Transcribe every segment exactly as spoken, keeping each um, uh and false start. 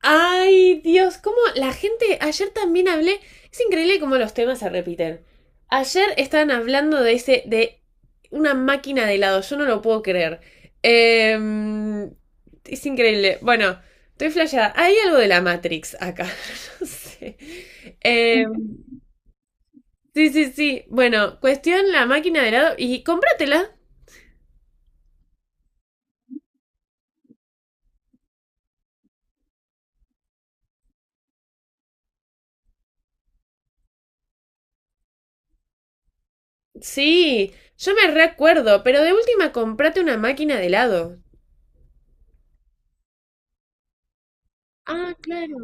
Ay, Dios, cómo la gente, ayer también hablé, es increíble cómo los temas se repiten. Ayer estaban hablando de ese, de una máquina de helado, yo no lo puedo creer. Em, es increíble. Bueno, estoy flasheada. Hay algo de la Matrix acá, no sé. Em, sí, sí, sí. Bueno, cuestión la máquina de helado y cómpratela. Sí, yo me recuerdo, pero de última comprate una máquina de helado. Ah, claro.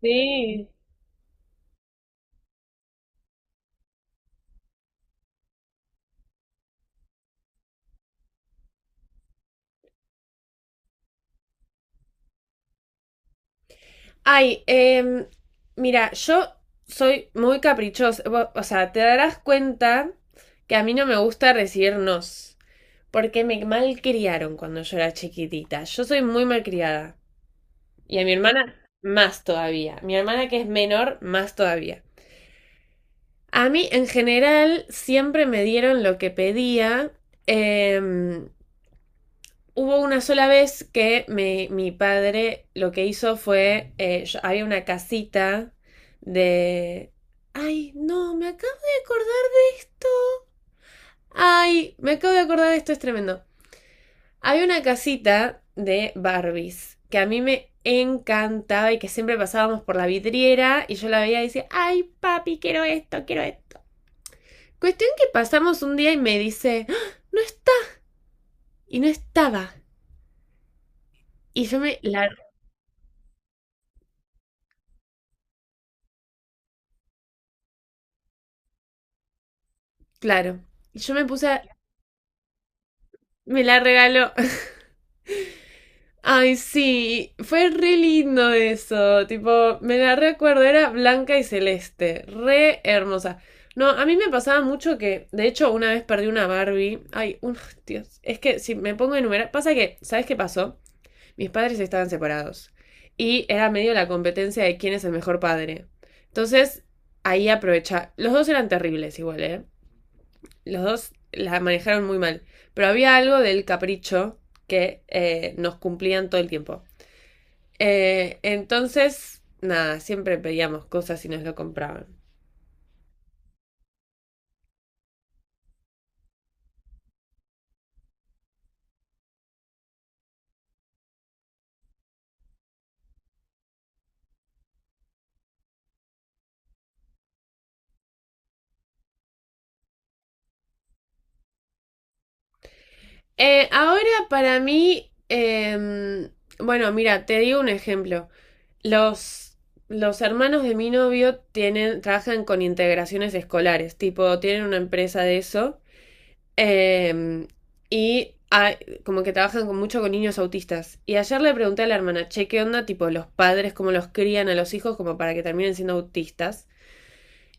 Sí. Ay, em, mira, yo soy muy caprichosa. Bo- O sea, te darás cuenta que a mí no me gusta recibir nos. Porque me malcriaron cuando yo era chiquitita. Yo soy muy malcriada. Y a mi hermana, más todavía. Mi hermana que es menor, más todavía. A mí, en general, siempre me dieron lo que pedía. em, Hubo una sola vez que me- mi padre lo que hizo fue, eh, yo- había una casita de... Ay, no, me acabo de acordar de esto. Ay, me acabo de acordar de esto, es tremendo. Había una casita de Barbies que a mí me encantaba y que siempre pasábamos por la vidriera y yo la veía y decía, ay, papi, quiero esto, quiero esto. Cuestión que pasamos un día y me dice, "Ah, no está". Y no estaba. Y yo me... La, claro. Y yo me puse a. Me la regaló. Ay, sí, fue re lindo eso. Tipo, me la recuerdo, era blanca y celeste, re hermosa. No, a mí me pasaba mucho que, de hecho, una vez perdí una Barbie. Ay, un, Dios, es que si me pongo a enumerar, pasa que, ¿sabes qué pasó? Mis padres estaban separados y era medio la competencia de quién es el mejor padre. Entonces, ahí aprovecha. Los dos eran terribles igual, ¿eh? Los dos la manejaron muy mal. Pero había algo del capricho que eh, nos cumplían todo el tiempo. Eh, entonces, nada, siempre pedíamos cosas y nos lo compraban. Eh, ahora para mí, eh, bueno, mira, te digo un ejemplo. Los, los hermanos de mi novio tienen, trabajan con integraciones escolares, tipo, tienen una empresa de eso. Eh, y ah, como que trabajan con, mucho con niños autistas. Y ayer le pregunté a la hermana, che, ¿qué onda? Tipo, los padres, cómo los crían a los hijos como para que terminen siendo autistas.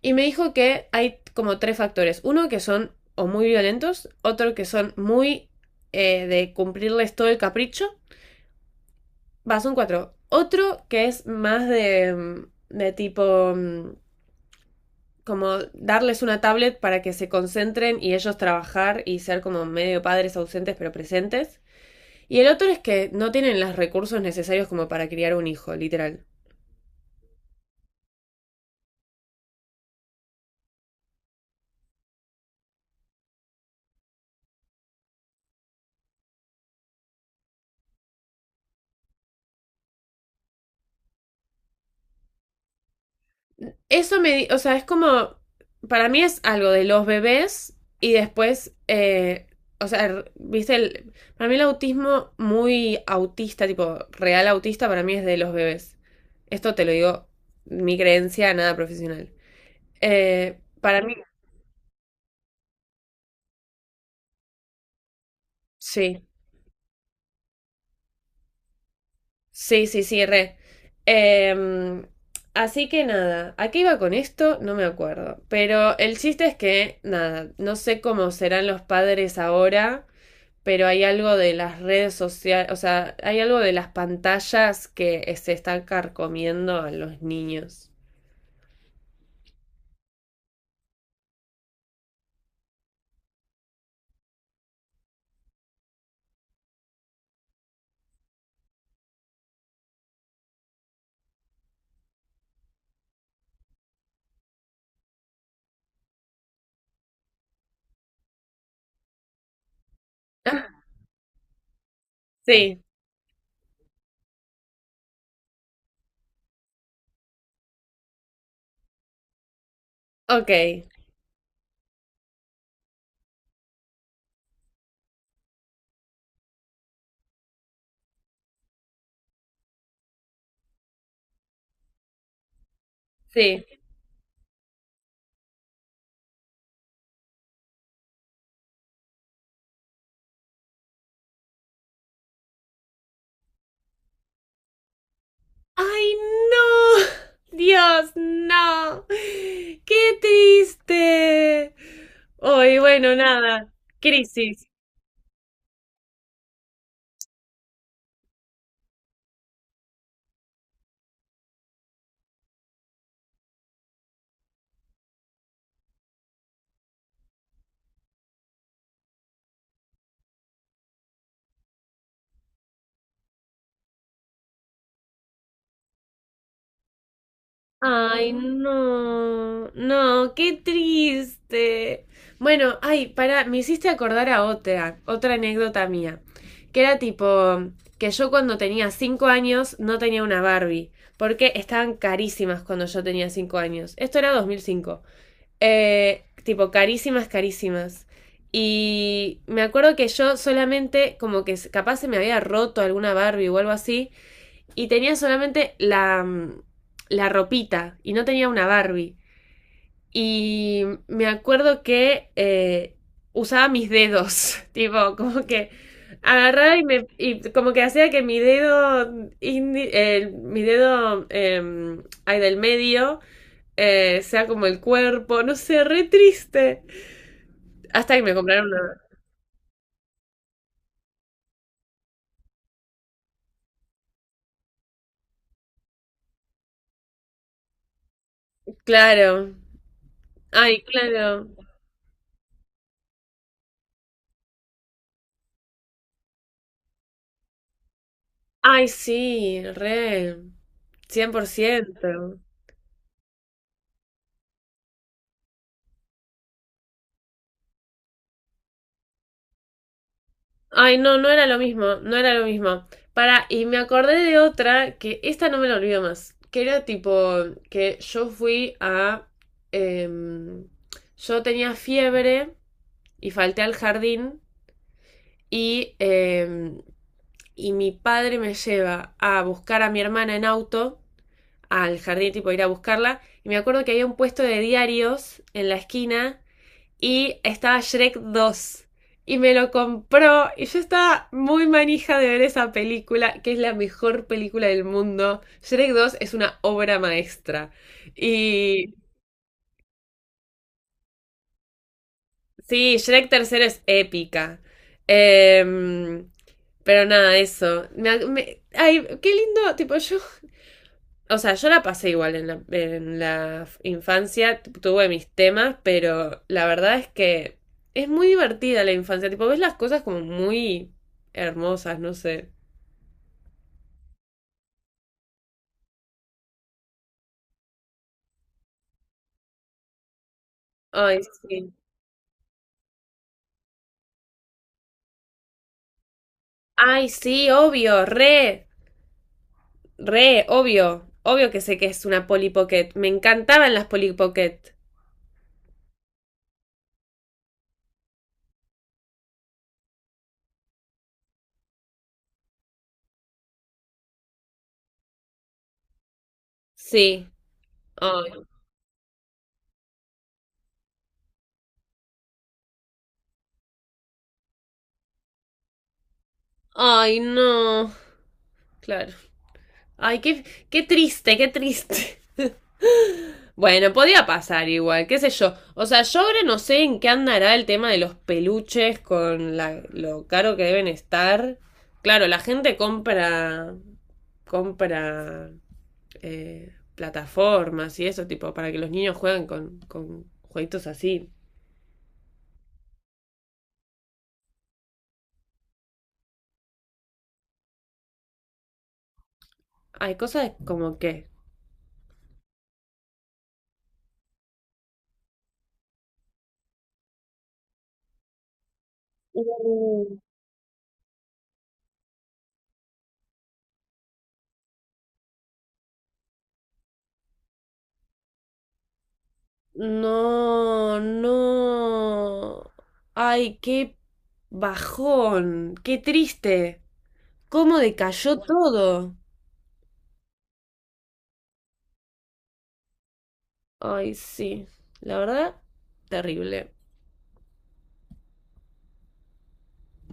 Y me dijo que hay como tres factores. Uno que son o muy violentos, otro que son muy eh, de cumplirles todo el capricho. Va, son cuatro. Otro que es más de, de tipo mm, como darles una tablet para que se concentren y ellos trabajar y ser como medio padres ausentes pero presentes. Y el otro es que no tienen los recursos necesarios como para criar un hijo, literal. Eso me, di- o sea, es como, para mí es algo de los bebés y después, eh, o sea, r- viste, el, para mí el autismo muy autista, tipo real autista, para mí es de los bebés. Esto te lo digo, mi creencia, nada profesional. Eh, para mí, sí. Sí, sí, sí, re. Em, así que nada, ¿a qué iba con esto? No me acuerdo. Pero el chiste es que, nada, no sé cómo serán los padres ahora, pero hay algo de las redes sociales, o sea, hay algo de las pantallas que eh, se están carcomiendo a los niños. Sí, ok, sí. ¡Ay, no! Dios, no. ¡Qué triste! Hoy, bueno, nada. Crisis. Ay, Mm. no, no, qué triste. Bueno, ay, para, me hiciste acordar a otra, otra anécdota mía, que era tipo que yo cuando tenía cinco años no tenía una Barbie, porque estaban carísimas cuando yo tenía cinco años. Esto era dos mil cinco. Eh, tipo, carísimas, carísimas. Y me acuerdo que yo solamente, como que capaz se me había roto alguna Barbie o algo así, y tenía solamente la, mm, la ropita y no tenía una Barbie. Y me acuerdo que eh, usaba mis dedos, tipo, como que agarraba y me y como que hacía que mi dedo indi- eh, mi dedo eh, ahí del medio eh, sea como el cuerpo, no sé, re triste. Hasta que me compraron una. Claro. Ay, claro. Ay, sí, re. Cien por ciento. Ay, no, no era lo mismo, no era lo mismo. Para, y me acordé de otra que esta no me la olvido más, que era tipo que yo fui a... em, yo tenía fiebre y falté al jardín y, em, y mi padre me lleva a buscar a mi hermana en auto al jardín, tipo ir a buscarla, y me acuerdo que había un puesto de diarios en la esquina y estaba Shrek dos. Y me lo compró y yo estaba muy manija de ver esa película, que es la mejor película del mundo. Shrek dos es una obra maestra. Y sí, Shrek tres es épica. Em, pero nada, eso. Me- me- ay, qué lindo, tipo yo. O sea, yo la pasé igual en la, en la infancia, tuve mis temas, pero la verdad es que es muy divertida la infancia, tipo, ves las cosas como muy hermosas, no sé. Ay, sí. Ay, sí, obvio, re, re, obvio, obvio que sé que es una Polly Pocket, me encantaban las Polly Pocket. Sí. Ay, ay, no. Claro. Ay, qué, qué triste, qué triste. Bueno, podía pasar igual, qué sé yo. O sea, yo ahora no sé en qué andará el tema de los peluches con la- lo caro que deben estar. Claro, la gente compra, compra eh, plataformas y eso, tipo, para que los niños jueguen con, con jueguitos así. Hay cosas como que... No, no. Ay, qué bajón, qué triste. ¿Cómo decayó todo? Ay, sí, la verdad, terrible.